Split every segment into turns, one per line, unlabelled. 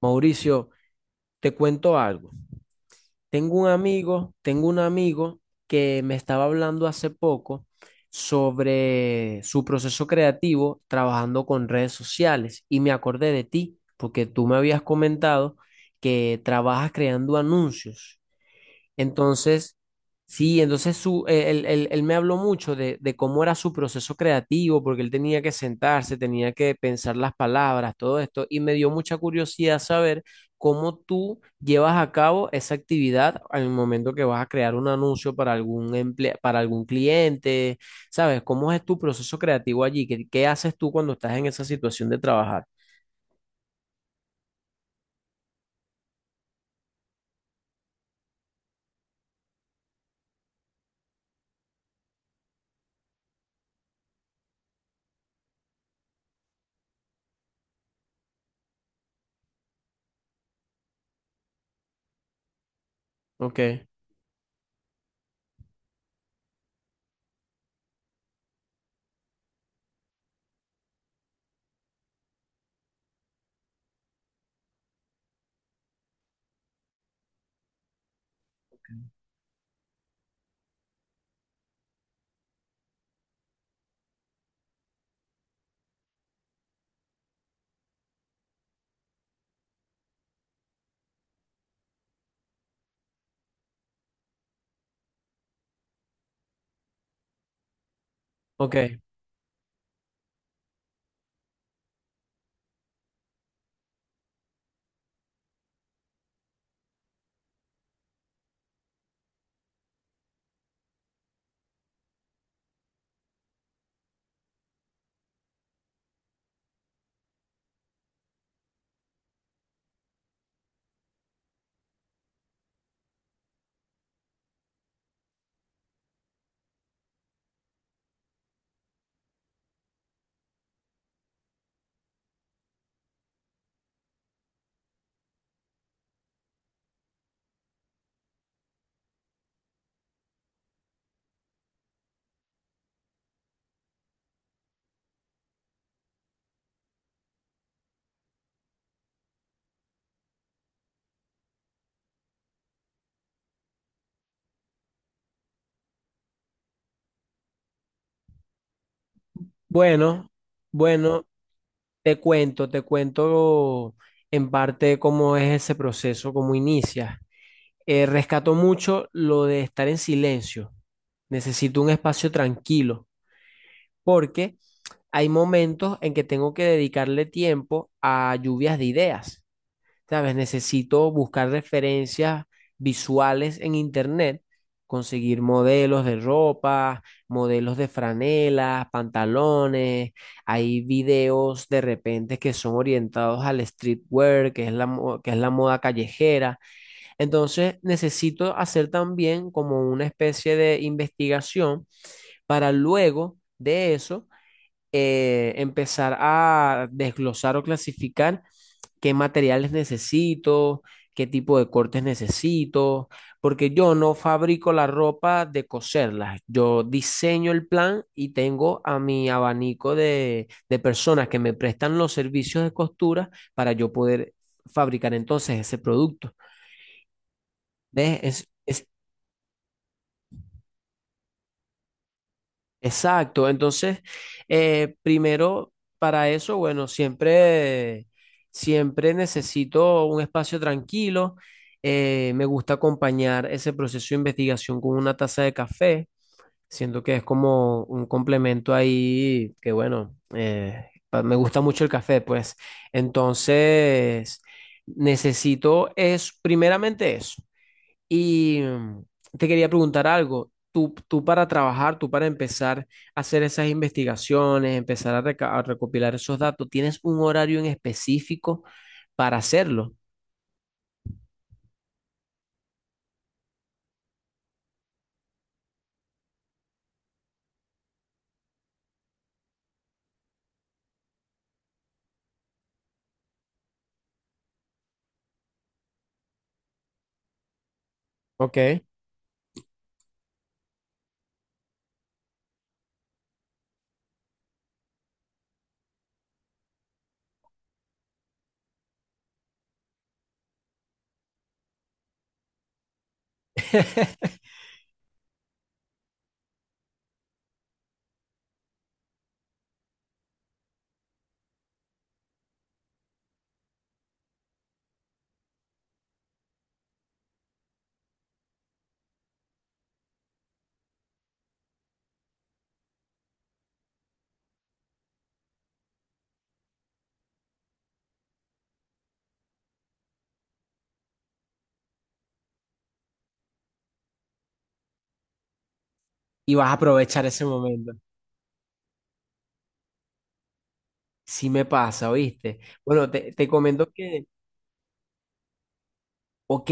Mauricio, te cuento algo. Tengo un amigo, que me estaba hablando hace poco sobre su proceso creativo trabajando con redes sociales y me acordé de ti porque tú me habías comentado que trabajas creando anuncios entonces, sí, entonces él me habló mucho de cómo era su proceso creativo, porque él tenía que sentarse, tenía que pensar las palabras, todo esto, y me dio mucha curiosidad saber cómo tú llevas a cabo esa actividad al momento que vas a crear un anuncio para algún cliente, ¿sabes? ¿Cómo es tu proceso creativo allí? ¿Qué haces tú cuando estás en esa situación de trabajar? Ok, ok. Bueno, bueno. Te cuento, en parte cómo es ese proceso, cómo inicia. Rescato mucho lo de estar en silencio. Necesito un espacio tranquilo porque hay momentos en que tengo que dedicarle tiempo a lluvias de ideas. ¿Sabes? Necesito buscar referencias visuales en internet, conseguir modelos de ropa, modelos de franelas, pantalones. Hay videos de repente que son orientados al streetwear, que es la moda callejera. Entonces, necesito hacer también como una especie de investigación para luego de eso empezar a desglosar o clasificar qué materiales necesito, qué tipo de cortes necesito, porque yo no fabrico la ropa de coserla, yo diseño el plan y tengo a mi abanico de personas que me prestan los servicios de costura para yo poder fabricar entonces ese producto. ¿Ves? Exacto, entonces, primero, para eso, bueno, siempre necesito un espacio tranquilo. Me gusta acompañar ese proceso de investigación con una taza de café. Siento que es como un complemento ahí, que bueno, me gusta mucho el café, pues. Entonces, necesito es primeramente eso. Y te quería preguntar algo. Tú para trabajar, tú para empezar a hacer esas investigaciones, empezar a, a recopilar esos datos, ¿tienes un horario en específico para hacerlo? Ok. Y vas a aprovechar ese momento. Sí me pasa, ¿oíste? Bueno, te comento que, ok,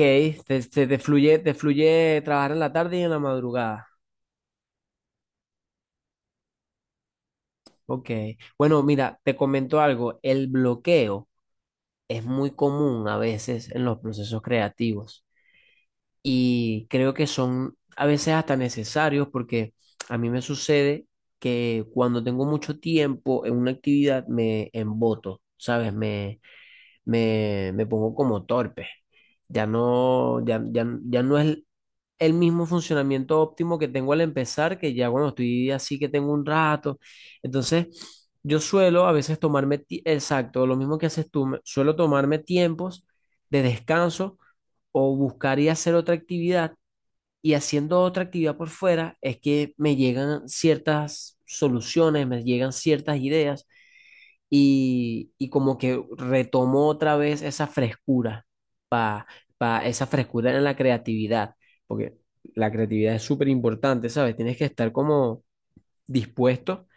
te fluye trabajar en la tarde y en la madrugada. Ok. Bueno, mira, te comento algo. El bloqueo es muy común a veces en los procesos creativos. Y creo que son a veces hasta necesarios porque a mí me sucede que cuando tengo mucho tiempo en una actividad me emboto, ¿sabes? Me pongo como torpe. Ya no, ya no es el mismo funcionamiento óptimo que tengo al empezar, que ya cuando estoy así que tengo un rato. Entonces, yo suelo a veces lo mismo que haces tú, suelo tomarme tiempos de descanso o buscar y hacer otra actividad y haciendo otra actividad por fuera es que me llegan ciertas soluciones, me llegan ciertas ideas y como que retomo otra vez esa frescura, pa, esa frescura en la creatividad, porque la creatividad es súper importante, ¿sabes? Tienes que estar como dispuesto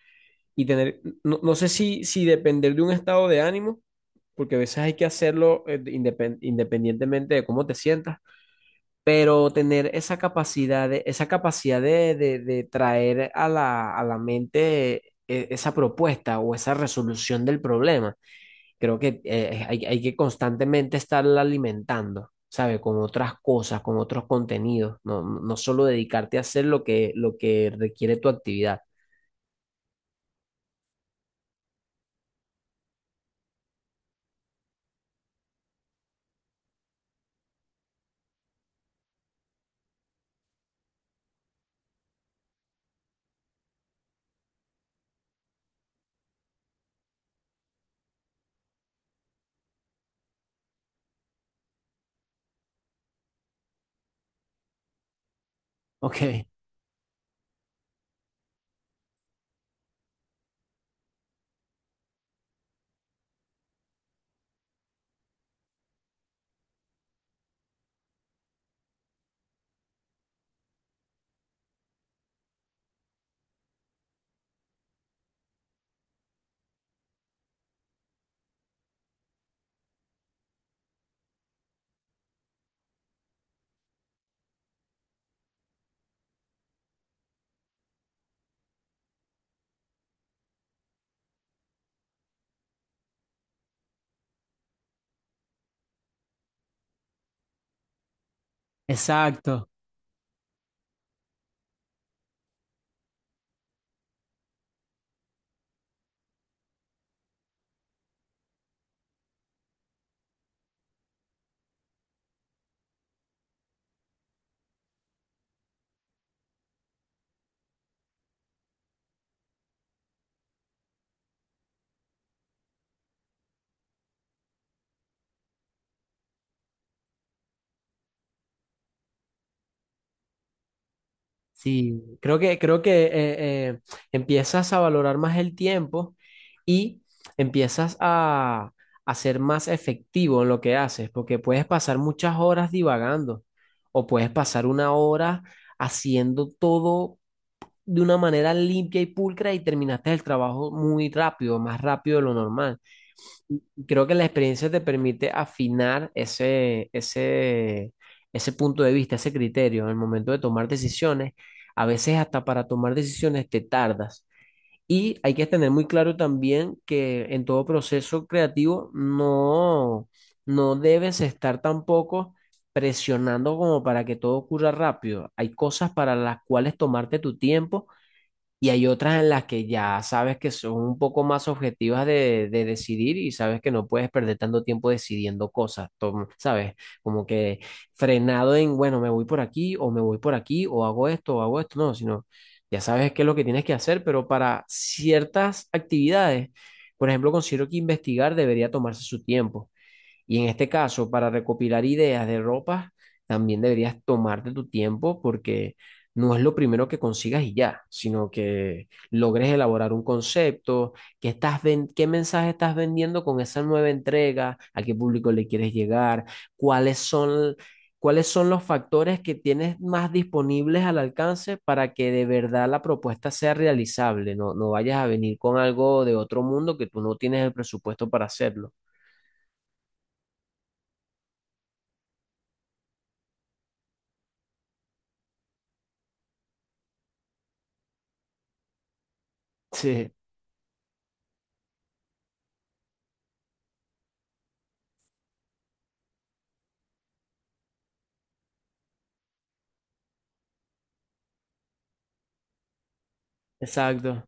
y tener, no, no sé si depender de un estado de ánimo, porque a veces hay que hacerlo independientemente de cómo te sientas, pero tener esa capacidad de, esa capacidad de traer a la mente esa propuesta o esa resolución del problema, creo que hay, hay que constantemente estarla alimentando, sabe. Con otras cosas, con otros contenidos, no, no solo dedicarte a hacer lo que requiere tu actividad. Ok, exacto. Sí, creo que eh, empiezas a valorar más el tiempo y empiezas a ser más efectivo en lo que haces, porque puedes pasar muchas horas divagando o puedes pasar una hora haciendo todo de una manera limpia y pulcra y terminaste el trabajo muy rápido, más rápido de lo normal. Y creo que la experiencia te permite afinar ese punto de vista, ese criterio en el momento de tomar decisiones. A veces hasta para tomar decisiones te tardas. Y hay que tener muy claro también que en todo proceso creativo no, no debes estar tampoco presionando como para que todo ocurra rápido. Hay cosas para las cuales tomarte tu tiempo y hay otras en las que ya sabes que son un poco más objetivas de decidir y sabes que no puedes perder tanto tiempo decidiendo cosas, tom- ¿sabes? Como que frenado en, bueno, me voy por aquí o me voy por aquí o hago esto, no, sino ya sabes qué es lo que tienes que hacer, pero para ciertas actividades, por ejemplo, considero que investigar debería tomarse su tiempo. Y en este caso, para recopilar ideas de ropa también deberías tomarte tu tiempo porque no es lo primero que consigas y ya, sino que logres elaborar un concepto, qué mensaje estás vendiendo con esa nueva entrega, a qué público le quieres llegar, cuáles son, cuáles son los factores que tienes más disponibles al alcance para que de verdad la propuesta sea realizable, no, no vayas a venir con algo de otro mundo que tú no tienes el presupuesto para hacerlo. Sí. Exacto,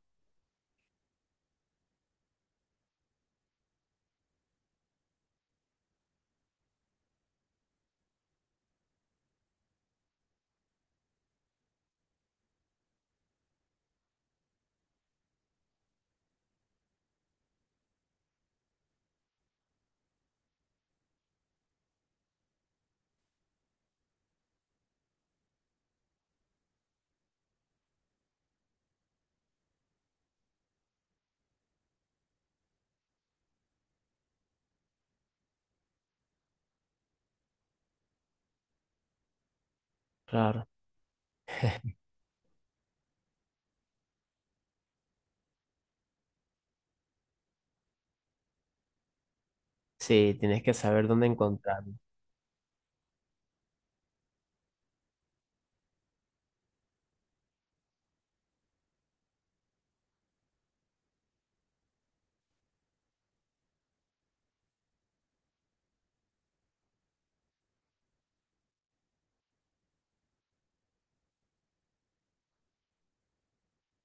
claro. Sí, tienes que saber dónde encontrarlo.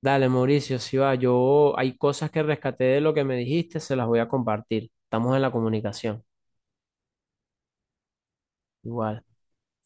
Dale, Mauricio, si va, yo hay cosas que rescaté de lo que me dijiste, se las voy a compartir. Estamos en la comunicación. Igual.